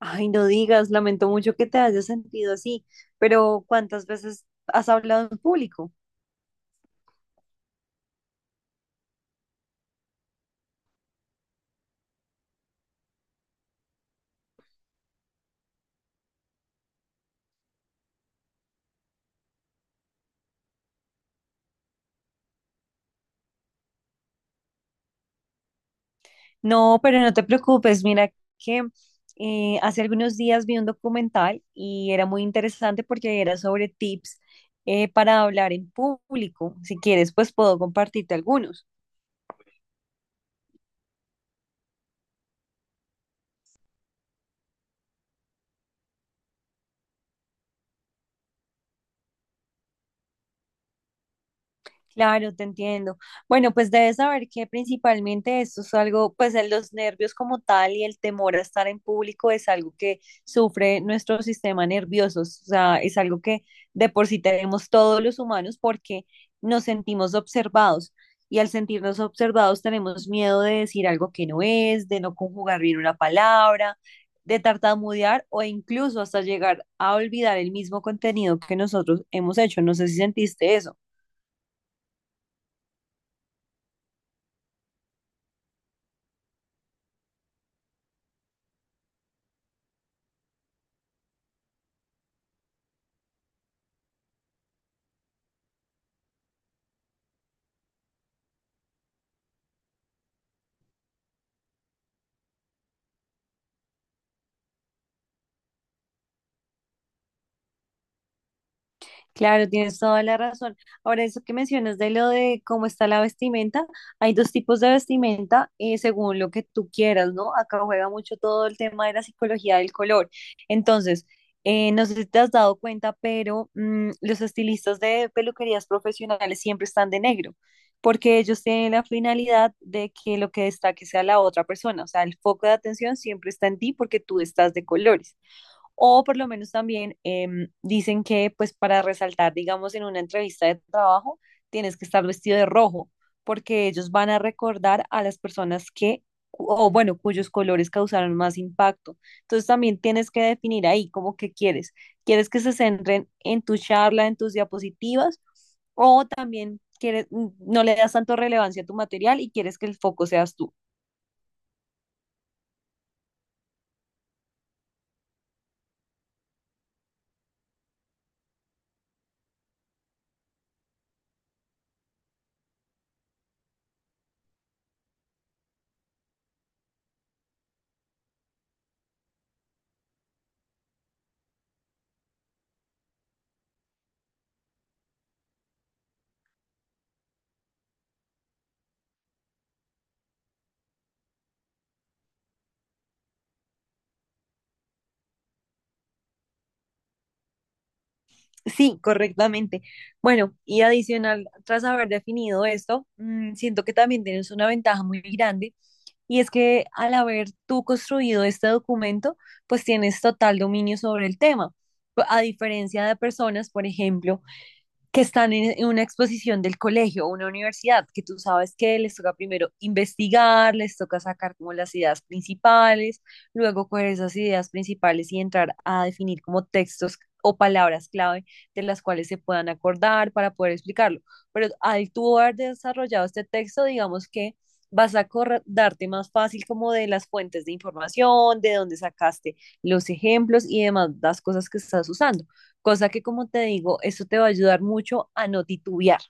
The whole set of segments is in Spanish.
Ay, no digas, lamento mucho que te hayas sentido así, pero ¿cuántas veces has hablado en público? No, pero no te preocupes, mira que hace algunos días vi un documental y era muy interesante porque era sobre tips para hablar en público. Si quieres, pues puedo compartirte algunos. Claro, te entiendo. Bueno, pues debes saber que principalmente esto es algo, pues en los nervios como tal y el temor a estar en público es algo que sufre nuestro sistema nervioso, o sea, es algo que de por sí tenemos todos los humanos porque nos sentimos observados y al sentirnos observados tenemos miedo de decir algo que no es, de no conjugar bien una palabra, de tartamudear o incluso hasta llegar a olvidar el mismo contenido que nosotros hemos hecho. No sé si sentiste eso. Claro, tienes toda la razón. Ahora, eso que mencionas de lo de cómo está la vestimenta, hay dos tipos de vestimenta según lo que tú quieras, ¿no? Acá juega mucho todo el tema de la psicología del color. Entonces, no sé si te has dado cuenta, pero los estilistas de peluquerías profesionales siempre están de negro, porque ellos tienen la finalidad de que lo que destaque sea la otra persona, o sea, el foco de atención siempre está en ti porque tú estás de colores. O por lo menos también dicen que pues para resaltar, digamos, en una entrevista de trabajo, tienes que estar vestido de rojo, porque ellos van a recordar a las personas que, o bueno, cuyos colores causaron más impacto. Entonces también tienes que definir ahí como que quieres. ¿Quieres que se centren en tu charla, en tus diapositivas? ¿O también quieres, no le das tanto relevancia a tu material y quieres que el foco seas tú? Sí, correctamente. Bueno, y adicional, tras haber definido esto, siento que también tienes una ventaja muy grande y es que al haber tú construido este documento, pues tienes total dominio sobre el tema. A diferencia de personas, por ejemplo, que están en una exposición del colegio o una universidad, que tú sabes que les toca primero investigar, les toca sacar como las ideas principales, luego coger esas ideas principales y entrar a definir como textos o palabras clave de las cuales se puedan acordar para poder explicarlo. Pero al tú haber desarrollado este texto, digamos que vas a acordarte más fácil como de las fuentes de información, de dónde sacaste los ejemplos y demás las cosas que estás usando. Cosa que, como te digo, eso te va a ayudar mucho a no titubear.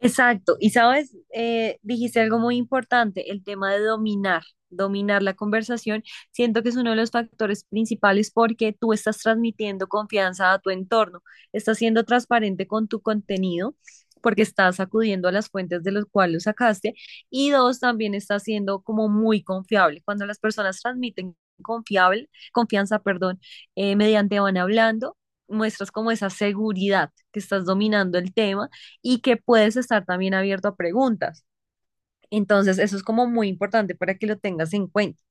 Exacto. Y sabes, dijiste algo muy importante, el tema de dominar la conversación. Siento que es uno de los factores principales porque tú estás transmitiendo confianza a tu entorno, estás siendo transparente con tu contenido, porque estás acudiendo a las fuentes de las cuales lo sacaste y dos, también estás siendo como muy confiable. Cuando las personas transmiten confianza, perdón, mediante van hablando, muestras como esa seguridad que estás dominando el tema y que puedes estar también abierto a preguntas. Entonces, eso es como muy importante para que lo tengas en cuenta.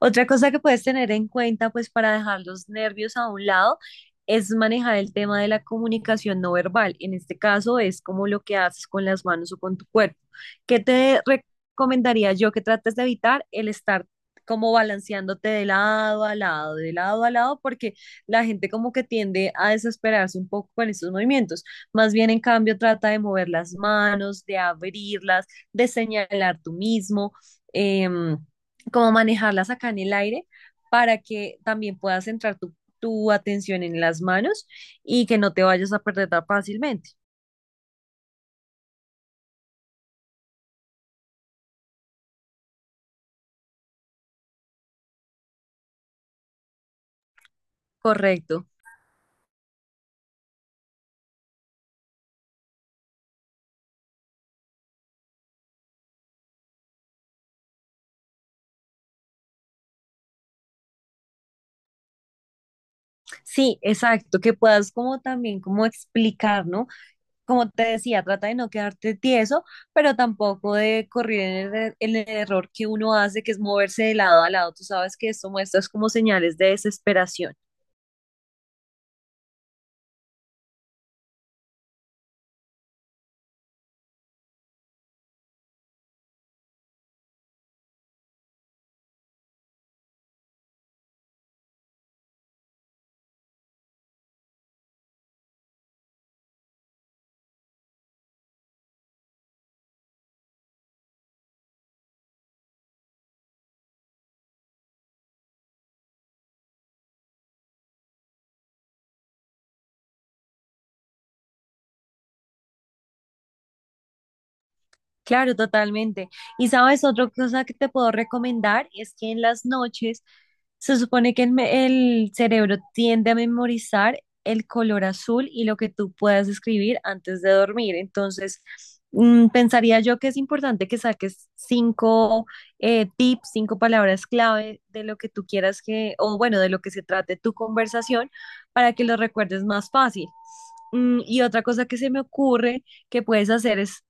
Otra cosa que puedes tener en cuenta, pues para dejar los nervios a un lado, es manejar el tema de la comunicación no verbal. En este caso es como lo que haces con las manos o con tu cuerpo. ¿Qué te recomendaría yo que trates de evitar el estar como balanceándote de lado a lado, de lado a lado, porque la gente como que tiende a desesperarse un poco con estos movimientos? Más bien, en cambio, trata de mover las manos, de abrirlas, de señalar tú mismo. em, Como manejarlas acá en el aire para que también puedas centrar tu atención en las manos y que no te vayas a perder tan fácilmente. Correcto. Sí, exacto, que puedas como también como explicar, ¿no? Como te decía, trata de no quedarte tieso, pero tampoco de correr en en el error que uno hace, que es moverse de lado a lado. Tú sabes que esto muestras como señales de desesperación. Claro, totalmente. Y sabes, otra cosa que te puedo recomendar es que en las noches se supone que el cerebro tiende a memorizar el color azul y lo que tú puedas escribir antes de dormir. Entonces, pensaría yo que es importante que saques cinco tips, cinco palabras clave de lo que tú quieras que, o bueno, de lo que se trate tu conversación para que lo recuerdes más fácil. Mm, y otra cosa que se me ocurre que puedes hacer es: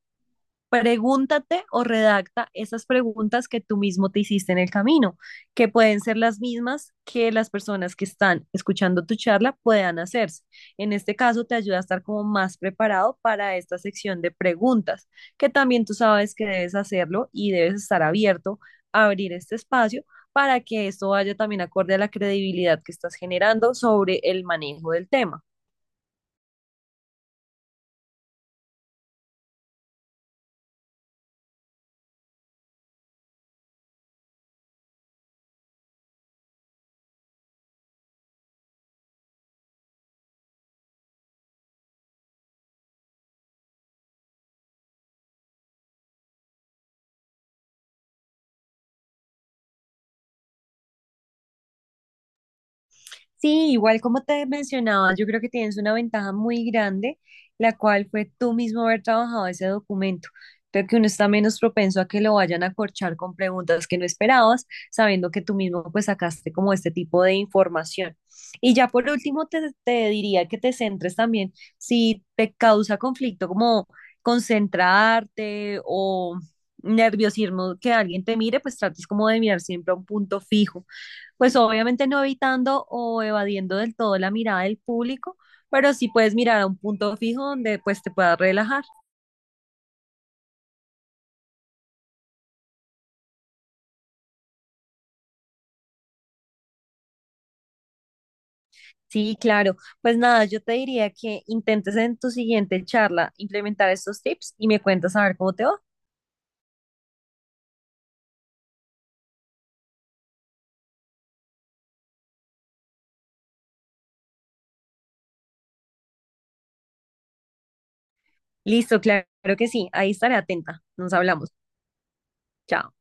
pregúntate o redacta esas preguntas que tú mismo te hiciste en el camino, que pueden ser las mismas que las personas que están escuchando tu charla puedan hacerse. En este caso, te ayuda a estar como más preparado para esta sección de preguntas, que también tú sabes que debes hacerlo y debes estar abierto a abrir este espacio para que esto vaya también acorde a la credibilidad que estás generando sobre el manejo del tema. Sí, igual como te mencionaba, yo creo que tienes una ventaja muy grande, la cual fue tú mismo haber trabajado ese documento. Creo que uno está menos propenso a que lo vayan a corchar con preguntas que no esperabas, sabiendo que tú mismo pues sacaste como este tipo de información. Y ya por último te diría que te centres también si te causa conflicto como concentrarte o nerviosismo que alguien te mire, pues trates como de mirar siempre a un punto fijo, pues obviamente no evitando o evadiendo del todo la mirada del público, pero sí puedes mirar a un punto fijo donde pues te puedas relajar. Sí, claro. Pues nada, yo te diría que intentes en tu siguiente charla implementar estos tips y me cuentas a ver cómo te va. Listo, claro que sí. Ahí estaré atenta. Nos hablamos. Chao.